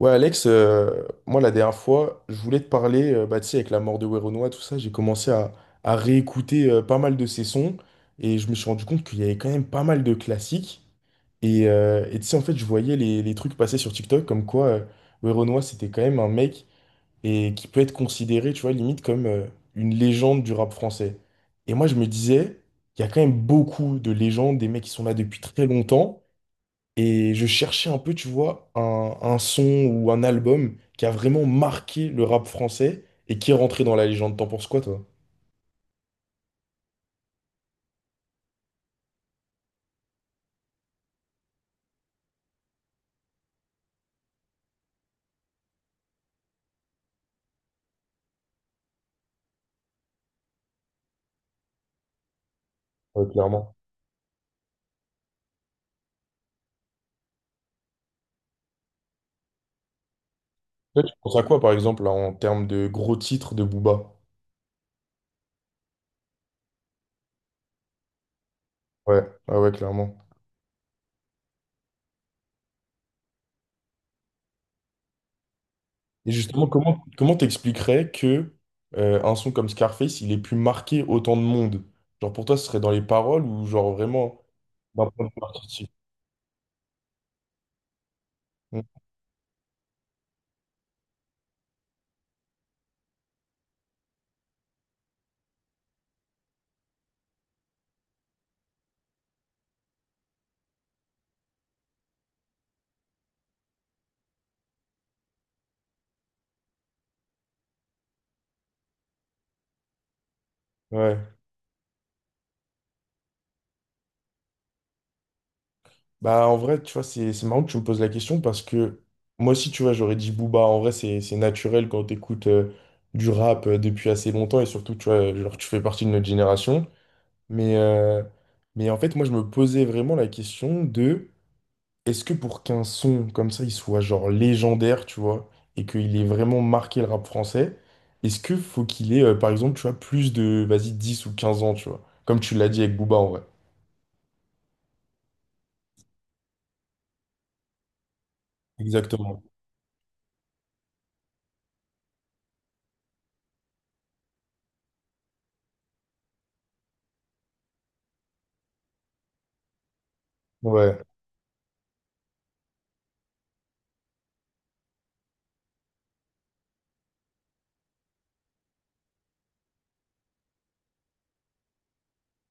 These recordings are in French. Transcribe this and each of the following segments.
Ouais, Alex, moi la dernière fois, je voulais te parler, bah, tu sais, avec la mort de Werenoi, tout ça, j'ai commencé à réécouter pas mal de ses sons et je me suis rendu compte qu'il y avait quand même pas mal de classiques. Et tu sais, en fait, je voyais les trucs passer sur TikTok comme quoi Werenoi, c'était quand même un mec et qui peut être considéré, tu vois, limite comme une légende du rap français. Et moi, je me disais, il y a quand même beaucoup de légendes, des mecs qui sont là depuis très longtemps. Et je cherchais un peu, tu vois, un son ou un album qui a vraiment marqué le rap français et qui est rentré dans la légende. T'en penses quoi, toi? Ouais, clairement. Toi, tu penses à quoi, par exemple, là, en termes de gros titres de Booba? Ouais, ouais, ouais, clairement. Et justement, comment t'expliquerais que un son comme Scarface, il ait pu marquer autant de monde? Genre, pour toi, ce serait dans les paroles ou genre vraiment d'un point de vue artistique? Mm. Ouais. Bah, en vrai, tu vois, c'est marrant que tu me poses la question parce que moi aussi, tu vois, j'aurais dit Booba. En vrai, c'est naturel quand t'écoutes du rap depuis assez longtemps et surtout, tu vois, genre, tu fais partie de notre génération. Mais, euh, mais en fait, moi, je me posais vraiment la question de est-ce que pour qu'un son comme ça, il soit genre légendaire, tu vois, et qu'il ait vraiment marqué le rap français, est-ce que faut qu'il ait, par exemple, tu vois, plus de, vas-y, 10 ou 15 ans, tu vois, comme tu l'as dit avec Booba, en vrai. Exactement. Ouais.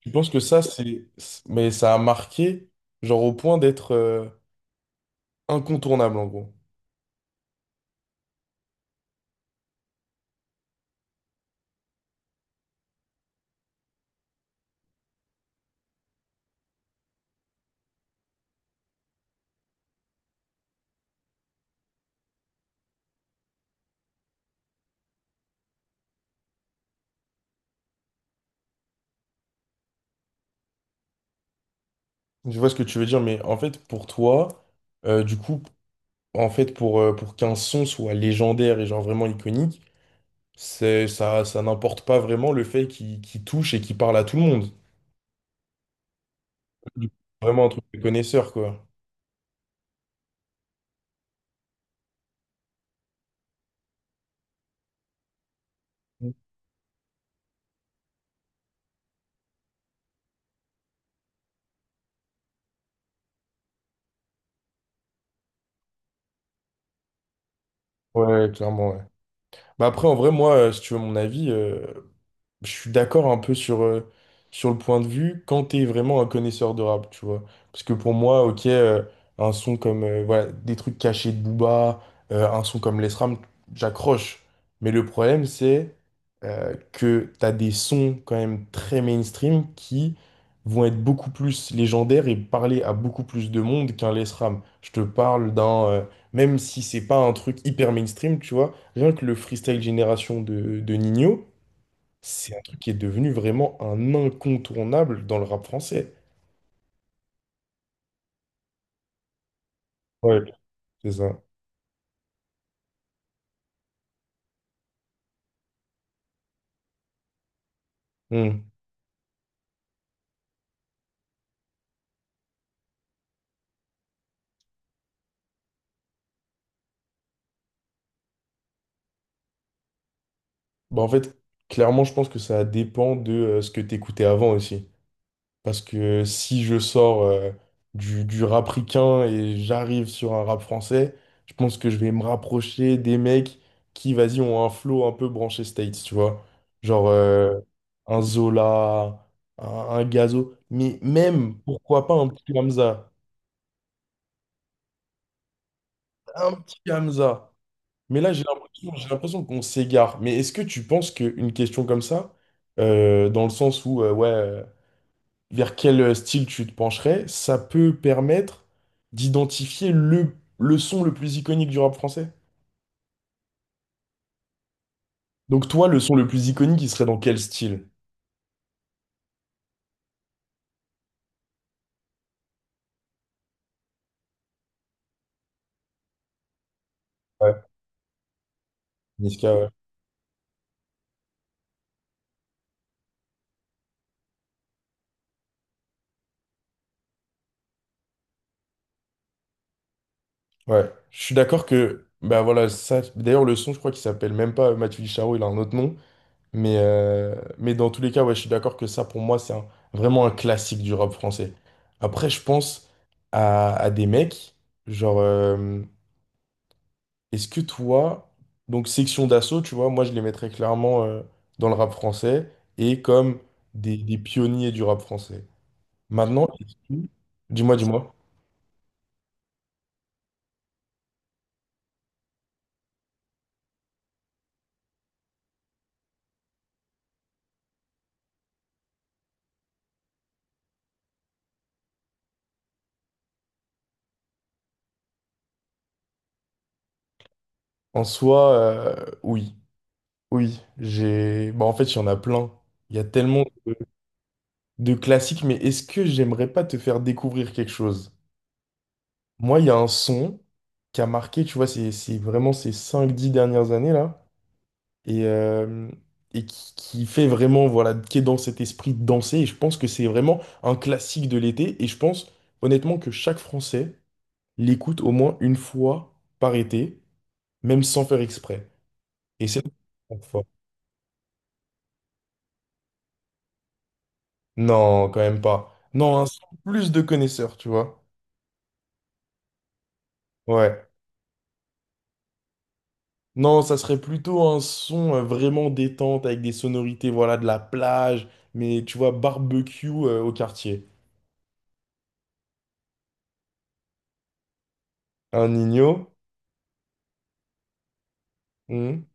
Je pense que ça, c'est. Mais ça a marqué, genre au point d'être incontournable, en gros. Je vois ce que tu veux dire, mais en fait, pour toi, du coup, en fait, pour qu'un son soit légendaire et genre vraiment iconique, c'est, ça n'importe pas vraiment le fait qu'il touche et qu'il parle à tout le monde. Du coup, vraiment un truc de connaisseur, quoi. Ouais, ouais, clairement, ouais. Mais après, en vrai, moi, si tu veux mon avis, je suis d'accord un peu sur, sur le point de vue quand t'es vraiment un connaisseur de rap, tu vois. Parce que pour moi, ok, un son comme voilà, des trucs cachés de Booba, un son comme les Ram, j'accroche. Mais le problème, c'est que t'as des sons quand même très mainstream qui vont être beaucoup plus légendaires et parler à beaucoup plus de monde qu'un les Ram. Je te parle d'un, même si c'est pas un truc hyper mainstream, tu vois, rien que le freestyle génération de Nino. C'est un truc qui est devenu vraiment un incontournable dans le rap français. Ouais, c'est ça. Hmm. Bah, en fait, clairement, je pense que ça dépend de ce que t'écoutais avant aussi. Parce que si je sors du rap ricain et j'arrive sur un rap français, je pense que je vais me rapprocher des mecs qui, vas-y, ont un flow un peu branché States, tu vois. Genre un Zola, un Gazo, mais même, pourquoi pas un petit Hamza. Un petit Hamza. Mais là, j'ai l'impression qu'on s'égare. Mais est-ce que tu penses qu'une question comme ça, dans le sens où, vers quel style tu te pencherais, ça peut permettre d'identifier le son le plus iconique du rap français? Donc toi, le son le plus iconique, il serait dans quel style? Ouais, Niska, ouais. Ouais. Je suis d'accord que, bah voilà, ça, d'ailleurs, le son, je crois qu'il s'appelle même pas Mathieu Charo, il a un autre nom. Mais dans tous les cas, ouais, je suis d'accord que ça, pour moi, c'est un- vraiment un classique du rap français. Après, je pense à des mecs, genre, est-ce que toi, donc section d'assaut, tu vois, moi, je les mettrais clairement dans le rap français et comme des pionniers du rap français. Maintenant, dis-moi. En soi, oui, oui, j'ai... Bah, en fait, il y en a plein. Il y a tellement de classiques, mais est-ce que j'aimerais pas te faire découvrir quelque chose? Moi, il y a un son qui a marqué, tu vois, c'est vraiment ces cinq dix dernières années là, et, euh, et qui fait vraiment, voilà, qui est dans cet esprit de danser, et je pense que c'est vraiment un classique de l'été, et je pense honnêtement que chaque Français l'écoute au moins une fois par été, même sans faire exprès. Et c'est... Non, quand même pas. Non, un son plus de connaisseurs, tu vois. Ouais. Non, ça serait plutôt un son vraiment détente avec des sonorités, voilà, de la plage, mais tu vois, barbecue au quartier. Un Nino? Hmm.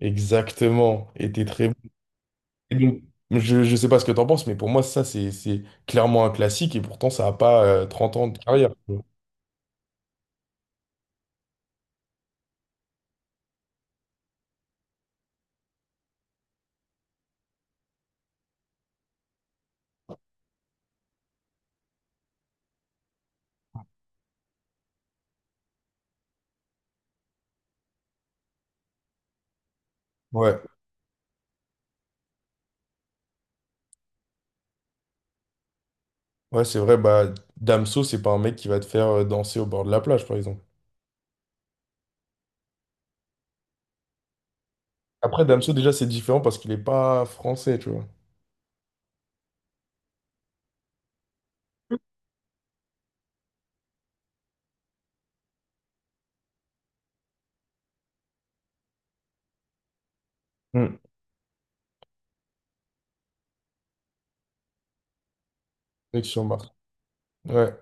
Exactement. Et t'es très bon. Et donc, je sais pas ce que t'en penses, mais pour moi, ça, c'est clairement un classique et pourtant, ça a pas 30 ans de carrière, tu vois. Ouais, ouais, c'est vrai. Bah, Damso, c'est pas un mec qui va te faire danser au bord de la plage, par exemple. Après, Damso, déjà, c'est différent parce qu'il est pas français, tu vois. Hmm. Connexion Mars. Ouais.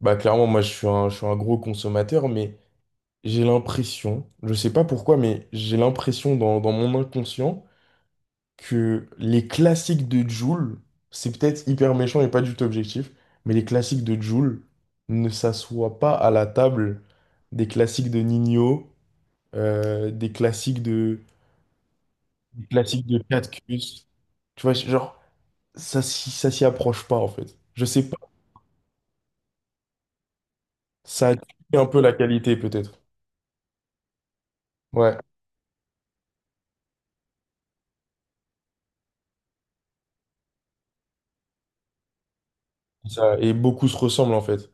Bah clairement, moi je suis un gros consommateur, mais j'ai l'impression, je sais pas pourquoi, mais j'ai l'impression dans mon inconscient que les classiques de Jul, c'est peut-être hyper méchant et pas du tout objectif, mais les classiques de Jul ne s'assoient pas à la table des classiques de Nino, euh, des classiques de, des classiques de Catcus. Tu vois, genre, ça, ça s'y approche pas en fait. Je sais pas, ça a tué un peu la qualité peut-être. Ouais. Ça, et beaucoup se ressemblent en fait.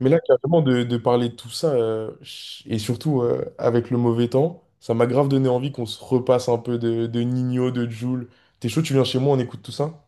Mais là, carrément, de parler de tout ça, et surtout avec le mauvais temps, ça m'a grave donné envie qu'on se repasse un peu de Ninho, de Jul. T'es chaud, tu viens chez moi, on écoute tout ça?